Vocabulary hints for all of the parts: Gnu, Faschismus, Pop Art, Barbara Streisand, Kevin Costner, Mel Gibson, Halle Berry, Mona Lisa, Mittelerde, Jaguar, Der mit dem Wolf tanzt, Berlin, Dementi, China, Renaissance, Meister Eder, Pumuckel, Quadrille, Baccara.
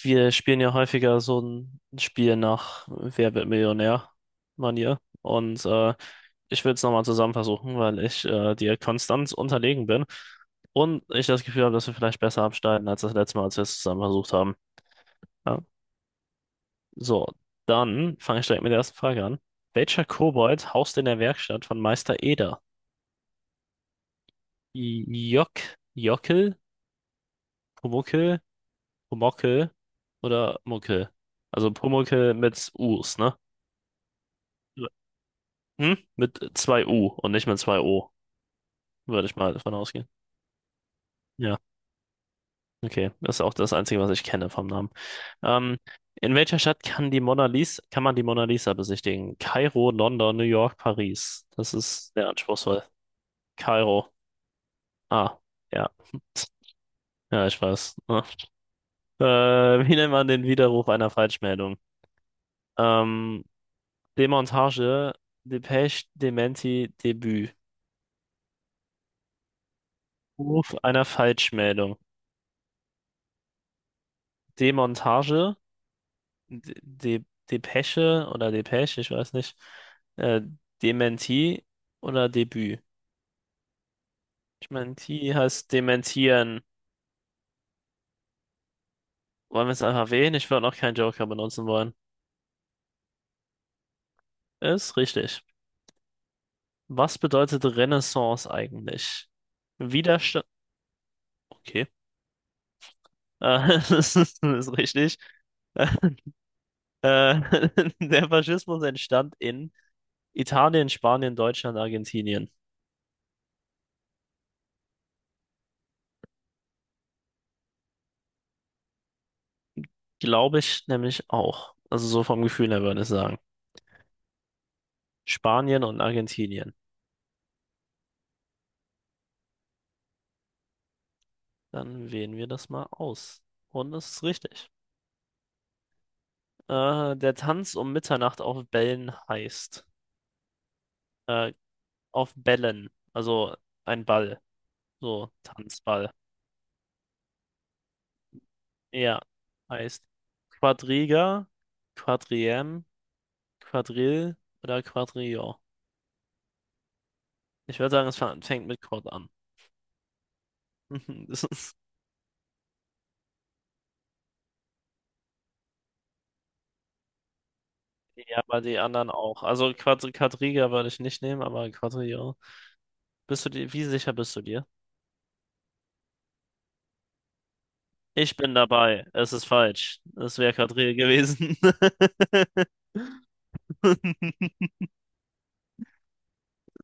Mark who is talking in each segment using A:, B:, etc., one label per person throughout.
A: Wir spielen ja häufiger so ein Spiel nach Wer wird Millionär-Manier. Ich will es nochmal zusammen versuchen, weil ich dir konstant unterlegen bin und ich das Gefühl habe, dass wir vielleicht besser abschneiden als das letzte Mal, als wir es zusammen versucht haben. Ja. So, dann fange ich direkt mit der ersten Frage an. Welcher Kobold haust in der Werkstatt von Meister Eder? Jock, Jockel, Pumuckel, Pumuckel oder Muckel? Also Pumuckel mit Us, ne? Hm? Mit zwei u und nicht mit zwei o würde ich mal davon ausgehen. Ja, okay. Das ist auch das Einzige, was ich kenne vom Namen. Ähm, in welcher Stadt kann die Mona Lisa, kann man die Mona Lisa besichtigen? Kairo, London, New York, Paris. Das ist sehr anspruchsvoll. Kairo. Ah, ja. Ja, ich weiß. Ja. Wie nennt man den Widerruf einer Falschmeldung? Ähm, Demontage, Depeche, Dementi, Debüt. Ruf einer Falschmeldung. Demontage, De De Depeche oder Depeche, ich weiß nicht. Äh, Dementi oder Debüt? Ich meine, T heißt dementieren. Wollen wir es einfach wählen? Ich würde noch keinen Joker benutzen wollen. Ist richtig. Was bedeutet Renaissance eigentlich? Widerstand. Okay. Das ist richtig. Äh, der Faschismus entstand in Italien, Spanien, Deutschland, Argentinien. Glaube ich nämlich auch. Also so vom Gefühl her würde ich sagen. Spanien und Argentinien. Dann wählen wir das mal aus. Und das ist richtig. Der Tanz um Mitternacht auf Bällen heißt. Äh, auf Bällen. Also ein Ball. So, Tanzball. Ja, heißt Quadriga, Quadriem, Quadrille oder Quadrillon. Ich würde sagen, es fängt mit Quad an. Das ist, ja, aber die anderen auch. Also Quadriga würde ich nicht nehmen, aber Quadrillon. Wie sicher bist du dir? Ich bin dabei. Es ist falsch. Es wäre Quadrille gewesen.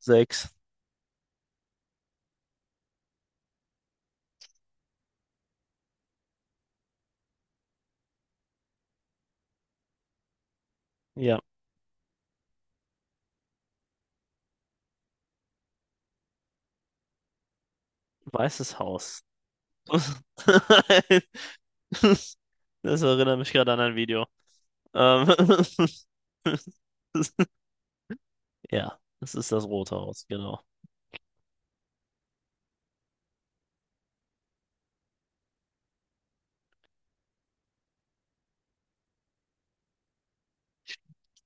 A: Sechs. Ja, Weißes Haus. Das erinnert mich gerade an ein Video. Ähm, ja, es ist das Rote Haus, genau.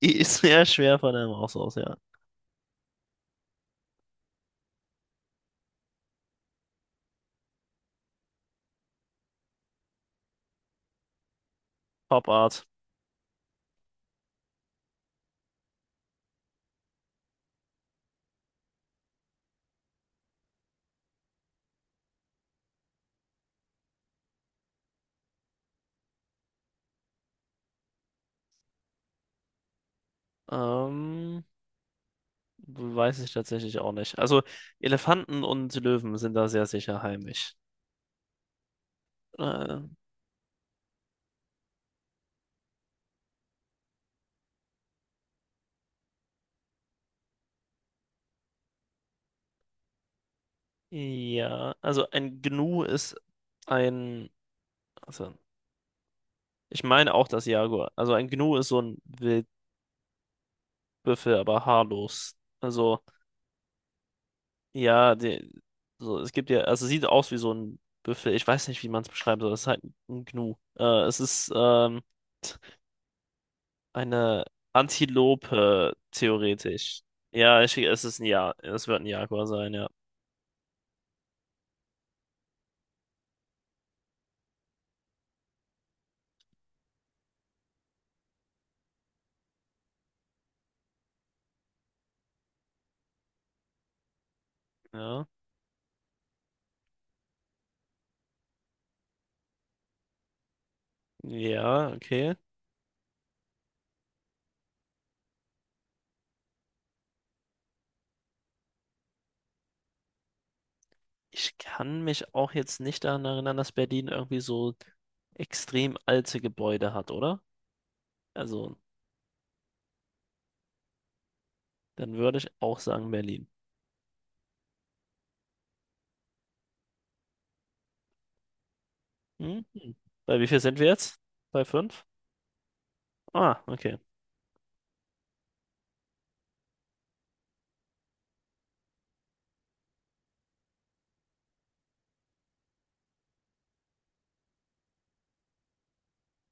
A: Die ist sehr schwer von einem Haus aus, ja. Pop Art. Ähm, Weiß ich tatsächlich auch nicht. Also Elefanten und Löwen sind da sehr sicher heimisch. Äh, Ja, also ein ein, also ich meine auch das Jaguar. Also ein Gnu ist so ein Wildbüffel, aber haarlos. Also ja, so es gibt ja, also sieht aus wie so ein Büffel. Ich weiß nicht, wie man es beschreiben soll. Es ist halt ein Gnu. Es ist eine Antilope theoretisch. Ja, es ist es wird ein Jaguar sein, ja. Ja, ja, okay. Ich kann mich auch jetzt nicht daran erinnern, dass Berlin irgendwie so extrem alte Gebäude hat, oder? Also, dann würde ich auch sagen Berlin. Mhm. Bei wie viel sind wir jetzt? Bei fünf? Ah, okay.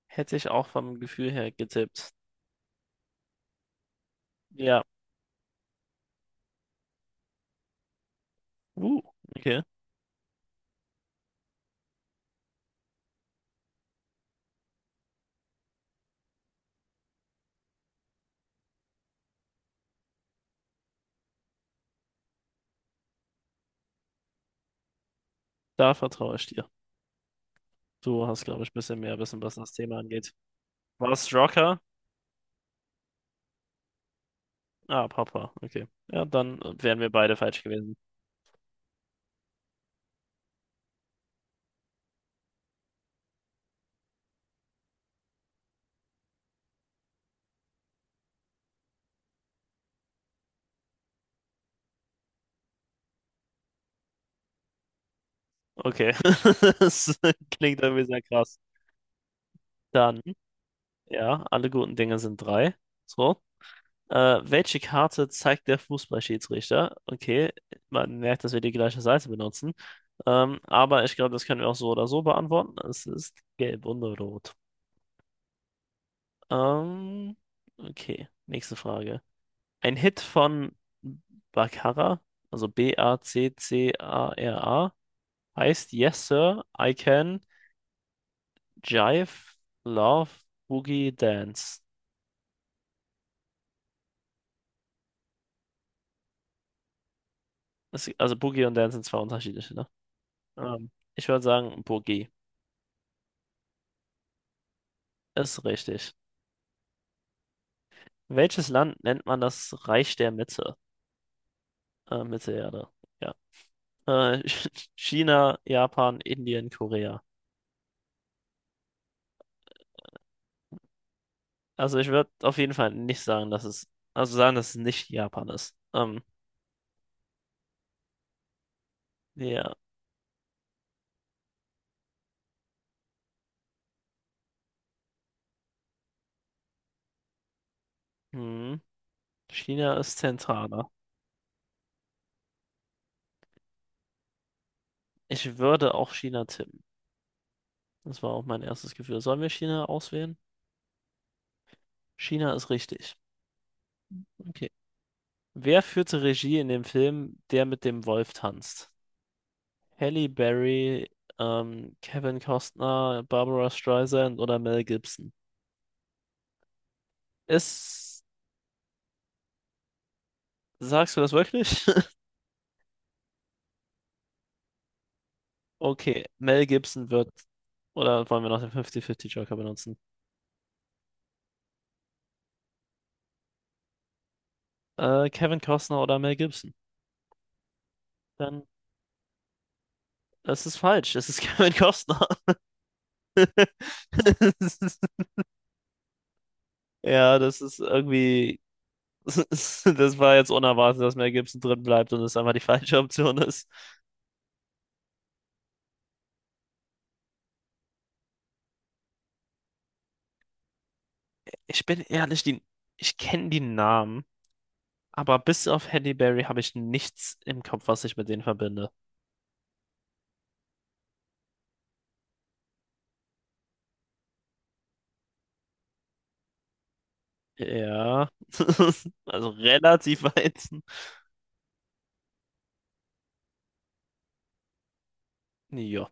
A: Hätte ich auch vom Gefühl her getippt. Ja. Uh, okay. Da vertraue ich dir. Du hast, glaube ich, ein bisschen mehr Wissen, was das Thema angeht. War es Rocker? Ah, Papa. Okay. Ja, dann wären wir beide falsch gewesen. Okay. Das klingt irgendwie sehr krass. Dann ja, alle guten Dinge sind drei. So. Welche Karte zeigt der Fußballschiedsrichter? Okay, man merkt, dass wir die gleiche Seite benutzen. Aber ich glaube, das können wir auch so oder so beantworten. Es ist gelb und rot. Ähm, okay, nächste Frage. Ein Hit von Baccara, also B-A-C-C-A-R-A, heißt Yes, Sir, I Can Jive, Love, Boogie, Dance. Das, also Boogie und Dance sind zwei unterschiedliche, ne? Ich würde sagen, Burgi ist richtig. Welches Land nennt man das Reich der Mitte? Mittelerde. Ja. Äh, China, Japan, Indien, Korea. Also ich würde auf jeden Fall nicht sagen, also sagen, dass es nicht Japan ist. Ja. Hm. China ist zentraler. Ich würde auch China tippen. Das war auch mein erstes Gefühl. Sollen wir China auswählen? China ist richtig. Okay. Wer führte Regie in dem Film Der mit dem Wolf tanzt? Halle Berry, Kevin Costner, Barbara Streisand oder Mel Gibson. Ist, sagst du das wirklich? Okay, oder wollen wir noch den 50-50 Joker benutzen? Kevin Costner oder Mel Gibson? Dann, es ist falsch, es ist Kevin Costner. Ja, das ist irgendwie, das war jetzt unerwartet, dass Mel Gibson drin bleibt und es einfach die falsche Option ist. Ich bin ehrlich, ich kenne die Namen. Aber bis auf Halle Berry habe ich nichts im Kopf, was ich mit denen verbinde. Ja, also relativ weit. Ja.